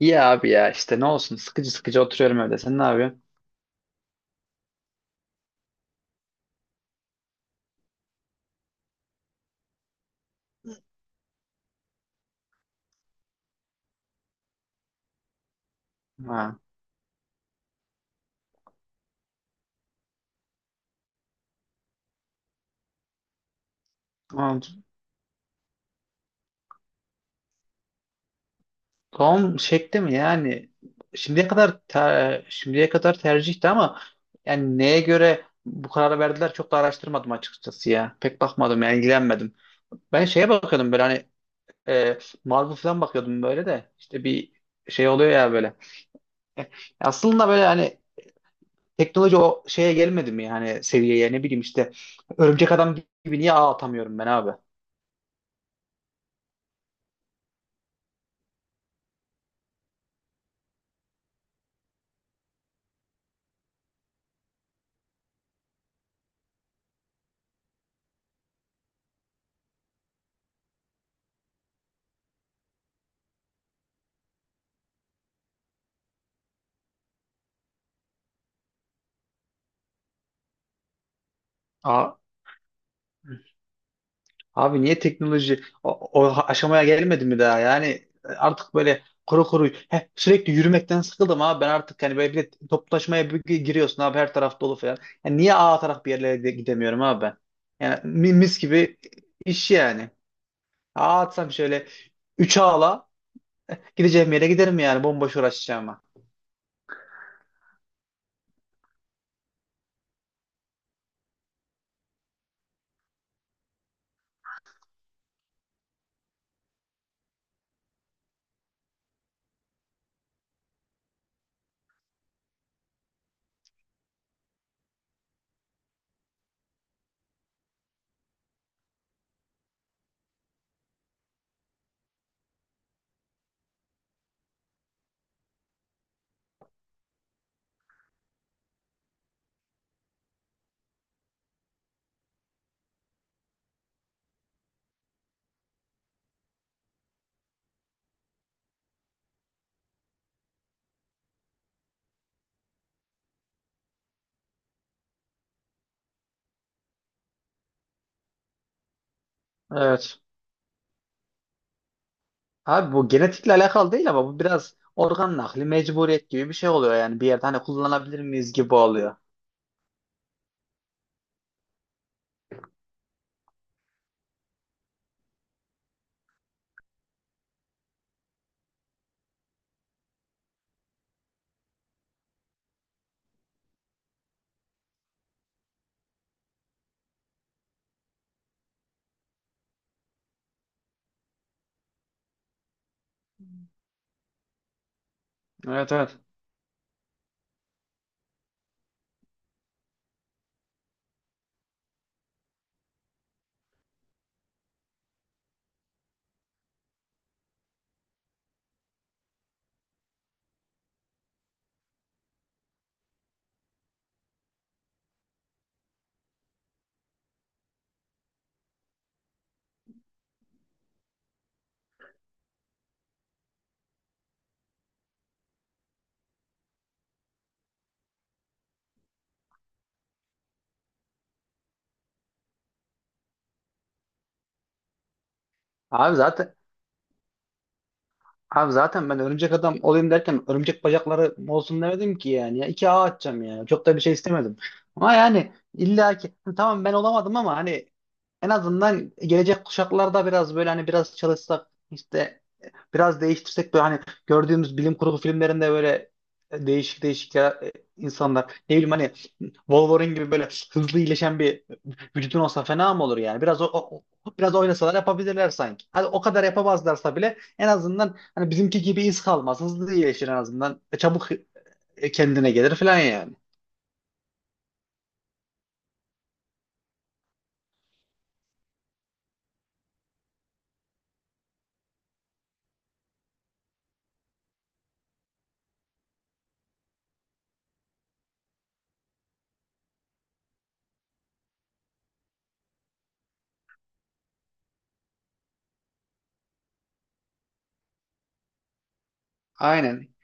İyi abi ya işte ne olsun sıkıcı sıkıcı oturuyorum öyle. Sen ne yapıyorsun? Ha. Ama Tom şekli mi yani şimdiye kadar tercihti ama yani neye göre bu kararı verdiler çok da araştırmadım açıkçası ya. Pek bakmadım yani ilgilenmedim. Ben şeye bakıyordum böyle hani e, Marvel falan bakıyordum böyle de işte bir şey oluyor ya böyle. E, Aslında böyle hani teknoloji o şeye gelmedi mi yani seviyeye ne bileyim işte Örümcek Adam gibi niye ağ atamıyorum ben abi? Ağ Abi niye teknoloji o aşamaya gelmedi mi daha? Yani artık böyle kuru kuru sürekli yürümekten sıkıldım abi. Ben artık hani böyle bir de toplaşmaya bir giriyorsun abi her taraf dolu falan. Yani niye taraf bir yerlere de gidemiyorum abi ben? Yani mis gibi iş yani. Atsam şöyle 3 ağla gideceğim yere giderim yani bomboş uğraşacağıma. Evet. Abi bu genetikle alakalı değil ama bu biraz organ nakli mecburiyet gibi bir şey oluyor yani bir yerde hani kullanabilir miyiz gibi oluyor. Evet, evet. Abi zaten Abi zaten ben örümcek adam olayım derken örümcek bacakları olsun demedim ki yani. Ya iki ağ atacağım yani. Çok da bir şey istemedim. Ama yani illa ki "Hı, tamam ben olamadım ama hani en azından gelecek kuşaklarda biraz böyle hani biraz çalışsak işte biraz değiştirsek böyle hani gördüğümüz bilim kurgu filmlerinde böyle değişik değişik ya, insanlar ne bileyim hani Wolverine gibi böyle hızlı iyileşen bir vücudun olsa fena mı olur yani? Biraz biraz oynasalar yapabilirler sanki. Hadi o kadar yapamazlarsa bile en azından hani bizimki gibi iz kalmaz. Hızlı iyileşir en azından. Çabuk kendine gelir falan yani. Aynen.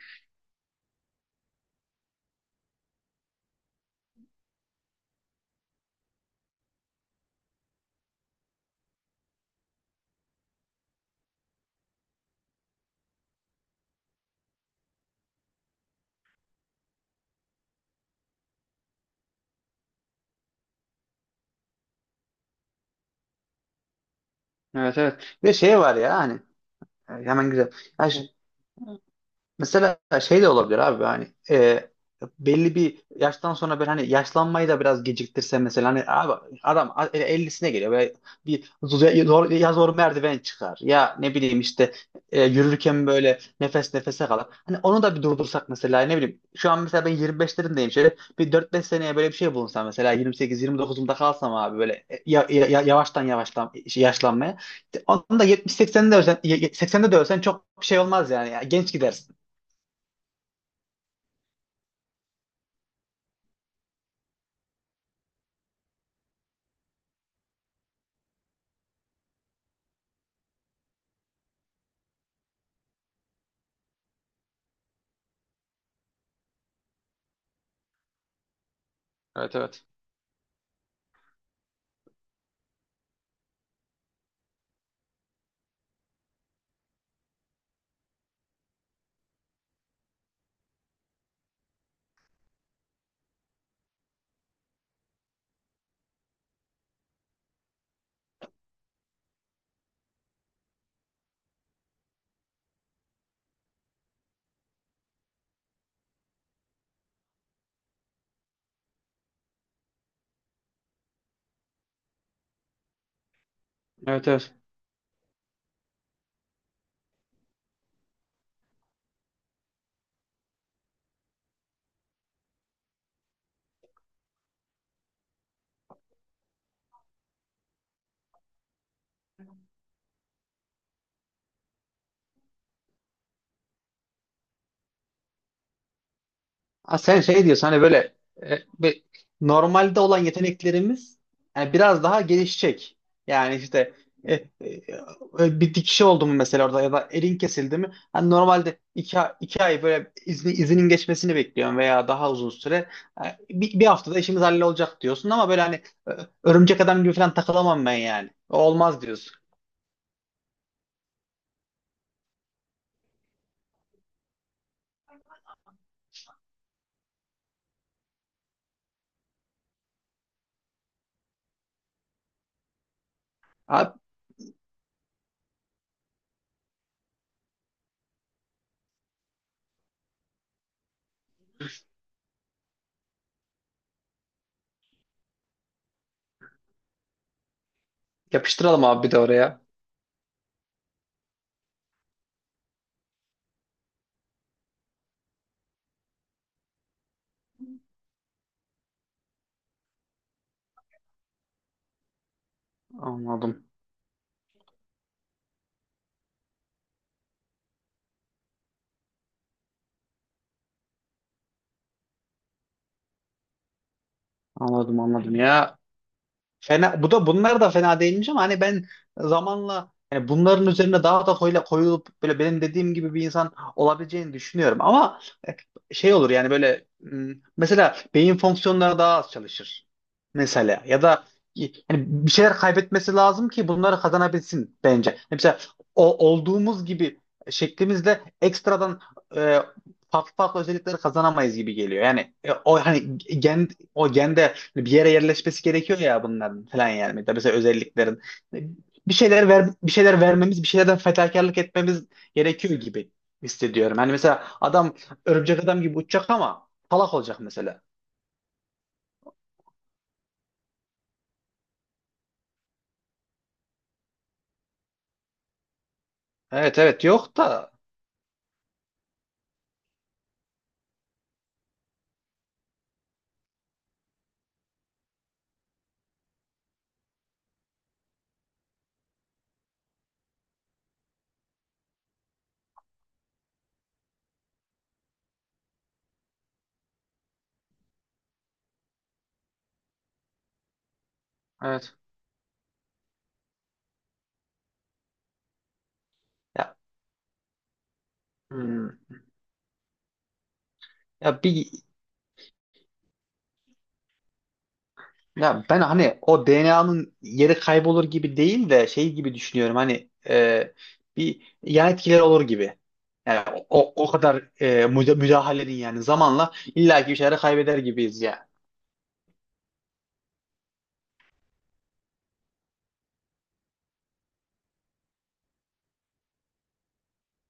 Evet, evet. Bir de şey var ya hani hemen güzel. Ya, mesela şey de olabilir abi hani belli bir yaştan sonra böyle hani yaşlanmayı da biraz geciktirse mesela hani abi adam 50'sine geliyor böyle bir zor, ya zor merdiven çıkar ya ne bileyim işte yürürken böyle nefes nefese kalır. Hani onu da bir durdursak mesela ne bileyim şu an mesela ben 25'lerindeyim şöyle bir dört beş seneye böyle bir şey bulunsam mesela 28-29'umda kalsam abi böyle yavaştan yavaştan işte, yaşlanmaya. Onda 70-80'de ölsen, 80'de de ölsen çok bir şey olmaz yani. Ya, genç gidersin. Evet, evet. Evet, evet. Ha, sen şey diyorsun hani böyle e, bir- normalde olan yeteneklerimiz yani biraz daha gelişecek. Yani işte e, e, bir dikişi oldu mu mesela orada ya da elin kesildi mi? Hani normalde 2 ay böyle izinin geçmesini bekliyorum veya daha uzun süre. Bir haftada işimiz hallolacak diyorsun ama böyle hani e, örümcek adam gibi falan takılamam ben yani. O olmaz diyorsun. Abi, yapıştıralım abi bir de oraya. Anladım. Anladım, anladım ya. Fena, bu da bunlar da fena değilmiş ama hani ben zamanla yani bunların üzerine daha da koyulup böyle benim dediğim gibi bir insan olabileceğini düşünüyorum. Ama e, şey olur yani böyle mesela beyin fonksiyonları daha az çalışır. Mesela ya da yani bir şeyler kaybetmesi lazım ki bunları kazanabilsin bence. Hani mesela o olduğumuz gibi şeklimizle ekstradan e, farklı farklı özellikleri kazanamayız gibi geliyor. Yani o gende bir yere yerleşmesi gerekiyor ya bunların falan yani. Mesela özelliklerin. Bir şeyler vermemiz, bir şeylerden fedakarlık etmemiz gerekiyor gibi hissediyorum. Hani mesela adam örümcek adam gibi uçacak ama salak olacak mesela. Evet, evet, yok da evet. Ya, hmm. Ya bir Ya ben hani o DNA'nın yeri kaybolur gibi değil de şey gibi düşünüyorum hani bir yan etkileri olur gibi. Yani o kadar müdahalenin yani zamanla illaki bir şeyleri kaybeder gibiyiz